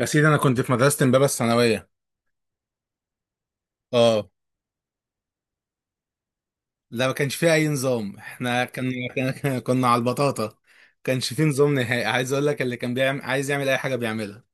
يا سيدي انا كنت في مدرسه امبابه الثانويه. اه. لا، ما كانش فيها اي نظام. احنا كنا كنا كنا على البطاطا، ما كانش فيه نظام نهائي. عايز اقول لك، اللي كان بيعمل عايز يعمل اي حاجه بيعملها.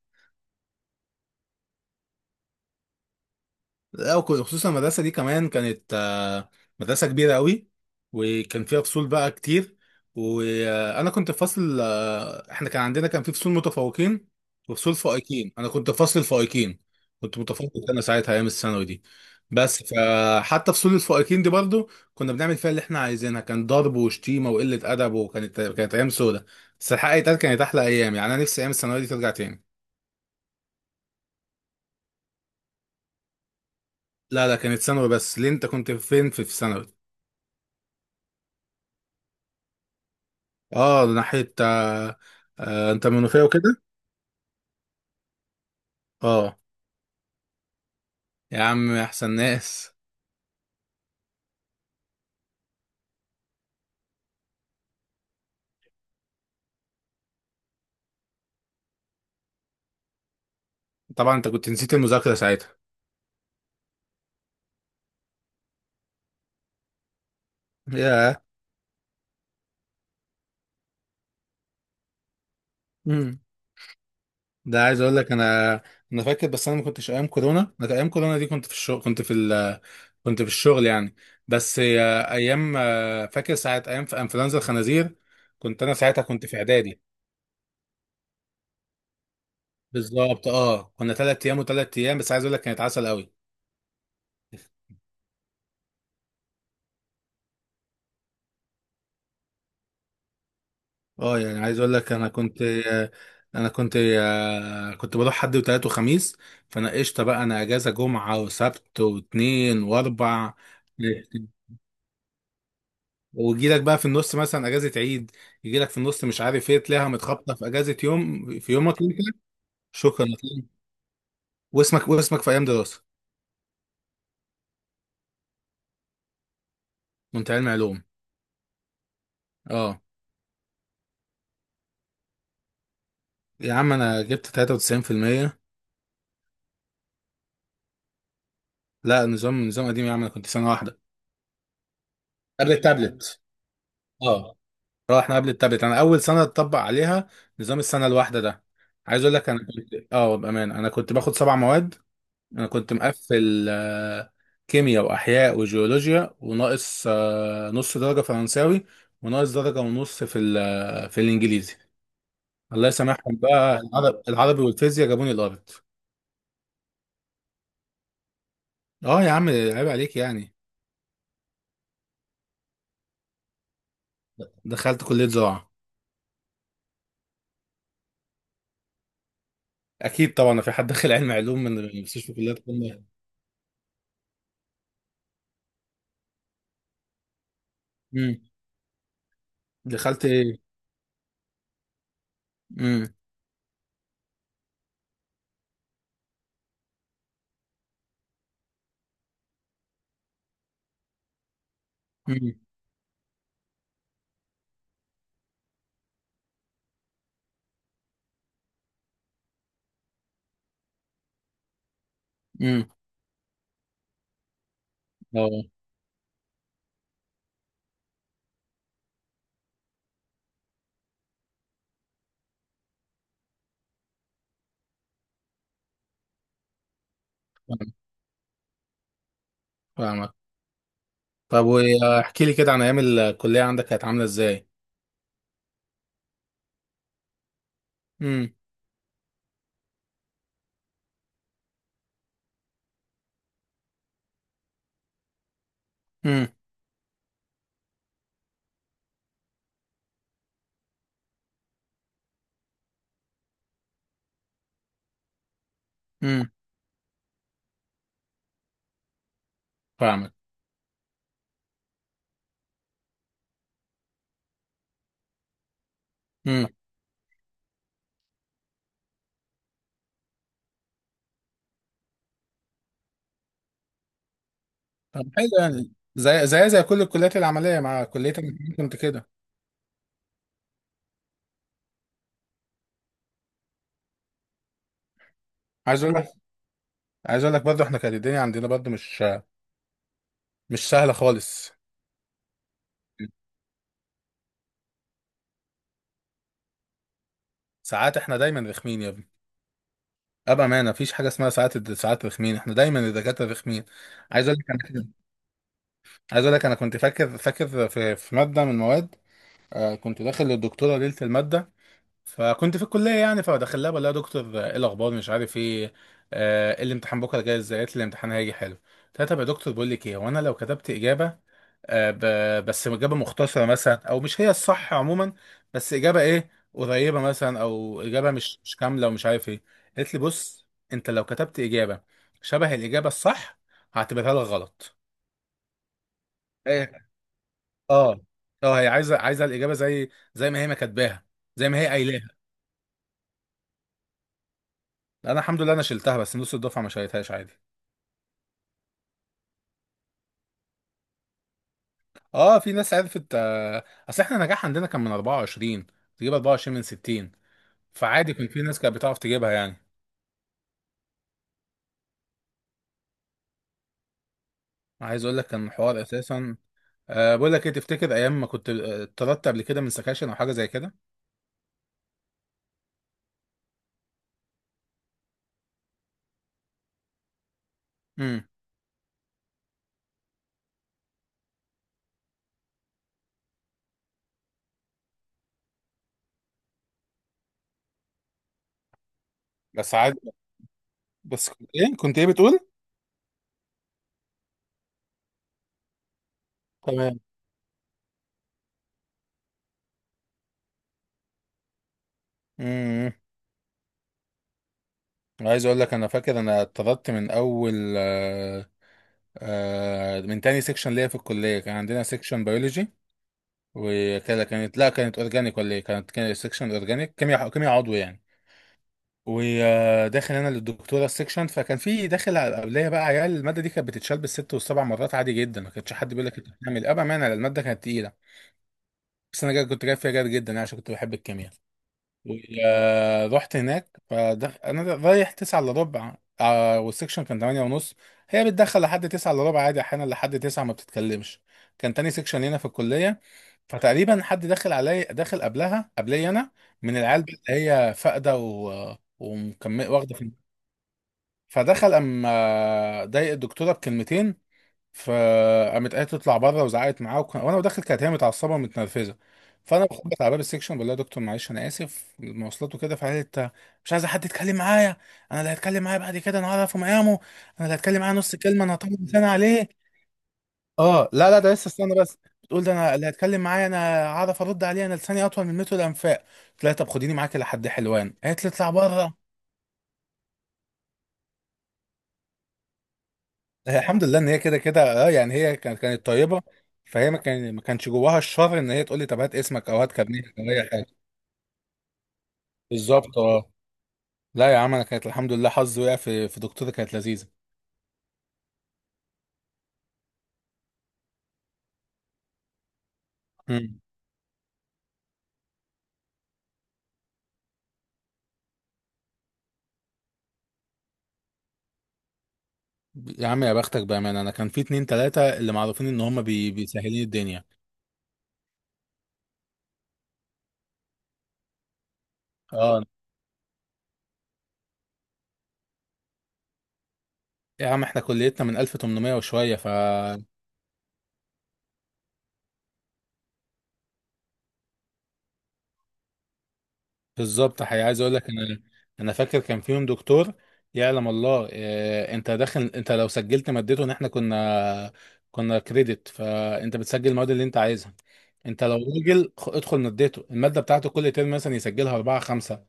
لا وك- خصوصا المدرسة دي كمان كانت، مدرسة كبيرة قوي، وكان فيها فصول بقى كتير. وأنا كنت في فصل، احنا كان عندنا كان في فصول متفوقين وفصول فائقين. أنا كنت في فصل الفائقين، كنت متفوق أنا ساعتها أيام الثانوي دي. بس فحتى فصول الفائقين دي برضو كنا بنعمل فيها اللي احنا عايزينها، كان ضرب وشتيمة وقلة أدب، وكانت أيام سودة. بس الحقيقة يتقال كانت أحلى أيام يعني، أنا نفسي أيام الثانوي دي ترجع تاني. لا، كانت ثانوي بس. ليه أنت كنت فين في ثانوي؟ اه، ناحية، آه، آه انت منوفية وكده. اه يا عم، احسن ناس. طبعا انت كنت نسيت المذاكرة ساعتها. ياه. مم. ده عايز اقول لك انا، انا فاكر. بس انا ما كنتش ايام كورونا، انا ايام كورونا دي كنت في الشغل، كنت في الشغل يعني. بس ايام، فاكر ساعة ايام في انفلونزا الخنازير كنت انا ساعتها، كنت في اعدادي. بالظبط، اه كنا 3 ايام و3 ايام. بس عايز اقول لك كانت عسل قوي. اه يعني عايز اقول لك، انا كنت بروح حد وتلات وخميس، فانا قشطه بقى، انا اجازه جمعه وسبت واثنين واربع. ويجي لك بقى في النص مثلا اجازه عيد، يجي لك في النص مش عارف ايه، تلاقيها متخبطه في اجازه يوم في يومك انت. شكرا. واسمك، واسمك في ايام دراسه؟ وانت علمي علوم؟ اه يا عم، انا جبت 93%. لا نظام، قديم يا عم، انا كنت سنه واحده قبل التابلت. اه رحنا قبل التابلت، انا اول سنه اتطبق عليها نظام السنه الواحده ده. عايز اقول لك، انا كنت اه بامان، انا كنت باخد 7 مواد. انا كنت مقفل، كيمياء واحياء وجيولوجيا، وناقص، نص درجه فرنساوي، وناقص درجه ونص في ال- آه، في الانجليزي. الله يسامحهم بقى، العرب- العربي والفيزياء جابوني الارض. اه يا عم، عيب عليك يعني. دخلت كليه زراعه. اكيد طبعا، ما في حد داخل علم علوم من مستشفى كليات قمه. امم. دخلت ايه. امم. امم. امم. اه. فاهم- فاهمك. طب واحكي لي كده عن ايام الكليه عندك، كانت عامله ازاي؟ امم. امم. امم. فاهمك. امم. طب حلو، يعني زي زي كل الكليات العمليه مع كليتك كنت كده؟ عايز اقول لك عايز اقول لك برضه احنا كانت الدنيا عندنا برضه مش سهله خالص. ساعات، احنا دايما رخمين يا ابني. ابقى، ما مفيش حاجه اسمها ساعات رخمين، احنا دايما الدكاتره رخمين. عايز اقول لك انا كده- عايز اقول لك، انا كنت فاكر في ماده من المواد، كنت داخل للدكتوره ليله الماده، فكنت في الكليه يعني، فدخل لها، بقول لها دكتور، ايه الاخبار مش عارف ايه، آه إيه الامتحان بكره جاي ازاي. قالت لي الامتحان هيجي حلو. قلت لها طب يا دكتور بقول لك ايه، وانا لو كتبت اجابه، بس اجابه مختصره مثلا، او مش هي الصح عموما، بس اجابه ايه قريبه مثلا، او اجابه مش كامله ومش عارف ايه. قالت لي، بص، انت لو كتبت اجابه شبه الاجابه الصح، هعتبرها لك غلط. ايه. اه. اه، هي عايزه الاجابه زي، زي ما هي ما كاتباها، زي ما هي قايلاها. انا الحمد لله انا شلتها، بس نص الدفعه ما شالتهاش عادي. اه في ناس عرفت، اصل احنا النجاح عندنا كان من 24، تجيب 24 من 60، فعادي كان في ناس كانت بتعرف تجيبها يعني. عايز اقول لك كان الحوار اساسا. أه بقول لك ايه، تفتكر ايام ما كنت، اتطردت قبل كده من سكاشن او حاجه زي كده؟ امم. بس عادي. بس كنت ايه، كنت ايه بتقول؟ تمام. امم. عايز اقول لك، انا فاكر، انا اتطردت من اول، آه، آه من تاني سيكشن ليا في الكليه. كان عندنا سيكشن بيولوجي وكده، كانت لا كانت اورجانيك ولا ايه، كانت كانت سيكشن اورجانيك كيمياء، كيمياء عضوي يعني. وداخل انا للدكتوره السكشن، فكان في داخل على قبليه بقى، عيال الماده دي كانت بتتشال بالست والسبع مرات عادي جدا، ما كانش حد بيقول لك انت بتعمل إيه. ابا مانع، الماده كانت تقيله. بس كنت جايب فيها جاد جدا أنا، عشان كنت بحب الكيمياء. رحت هناك، انا رايح 9 الا ربع، آه والسكشن كان 8 ونص. هي بتدخل لحد 9 الا ربع عادي، احيانا لحد 9 ما بتتكلمش. كان تاني سكشن هنا في الكليه. فتقريبا حد داخل علي، داخل قبلها قبلي انا، من العيال اللي هي فاقده ومكمل واخده في. فدخل، اما ضايق الدكتوره بكلمتين، فقامت قالت تطلع بره وزعقت معاه، وانا داخل كانت هي متعصبه ومتنرفزه. فانا بخبط على باب السكشن، بقول لها يا دكتور معلش، انا اسف المواصلات وكده. فقالت، مش عايزه حد يتكلم معايا، انا اللي هتكلم معايا بعد كده، انا هعرف مقامه. انا اللي هتكلم معايا نص كلمه، انا هطول لساني عليه. اه. لا لا ده لسه استنى بس. بتقول، ده انا اللي هتكلم معايا، انا هعرف ارد عليه، انا لساني اطول من متر الانفاق. قلت لها طب خديني معاكي لحد حلوان. قالت لي اطلع بره. هي الحمد لله، ان هي كده كده اه يعني، هي كانت كانت طيبه. فهي ما كان، ما كانش جواها الشر ان هي تقول لي طب هات اسمك، او هات كابنيتك، او اي حاجه. بالظبط، اه. لا يا عم، انا كانت الحمد لله حظي وقع في دكتوره كانت لذيذه. مم. يا عم يا بختك، بامانه انا كان في 2 3 اللي معروفين ان هم، بيسهلين الدنيا. اه يا عم، احنا كليتنا من 1800 وشويه، ف، بالظبط. حقيقي، عايز اقول لك انا، انا فاكر كان فيهم دكتور، يعلم الله إيه. انت داخل، انت لو سجلت مادته، ان احنا كنا كريدت، فانت بتسجل المواد اللي انت عايزها. انت لو راجل، ادخل مادته، الماده بتاعته كل ترم مثلا يسجلها اربعه خمسه.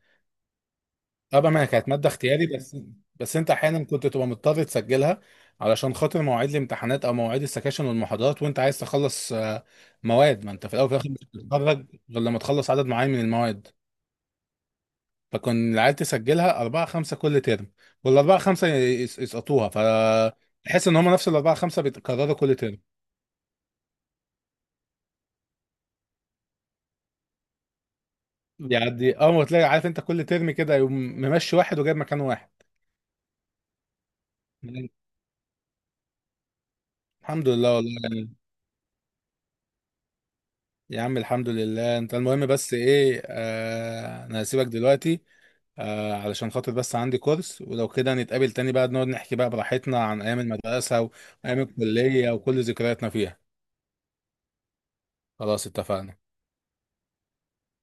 طبعا ما هي كانت ماده اختياري بس. بس انت احيانا كنت تبقى مضطر تسجلها، علشان خاطر مواعيد الامتحانات او مواعيد السكاشن والمحاضرات، وانت عايز تخلص، مواد. ما انت في الاول وفي الاخر مش بتتخرج غير لما تخلص عدد معين من المواد. فكان العيال تسجلها 4 5 كل ترم، والأربعة خمسة يسقطوها، فتحس إن هما نفس ال4 5 بيتكرروا كل ترم. يعني أول ما تلاقي، عارف أنت كل ترم كده، يقوم ممشي واحد وجايب مكان واحد. الحمد لله والله يعني. يا عم الحمد لله. أنت المهم بس إيه، آه أنا هسيبك دلوقتي، آه علشان خاطر بس عندي كورس. ولو كده نتقابل تاني بقى، نقعد نحكي بقى براحتنا عن أيام المدرسة وأيام الكلية وكل ذكرياتنا فيها. خلاص اتفقنا.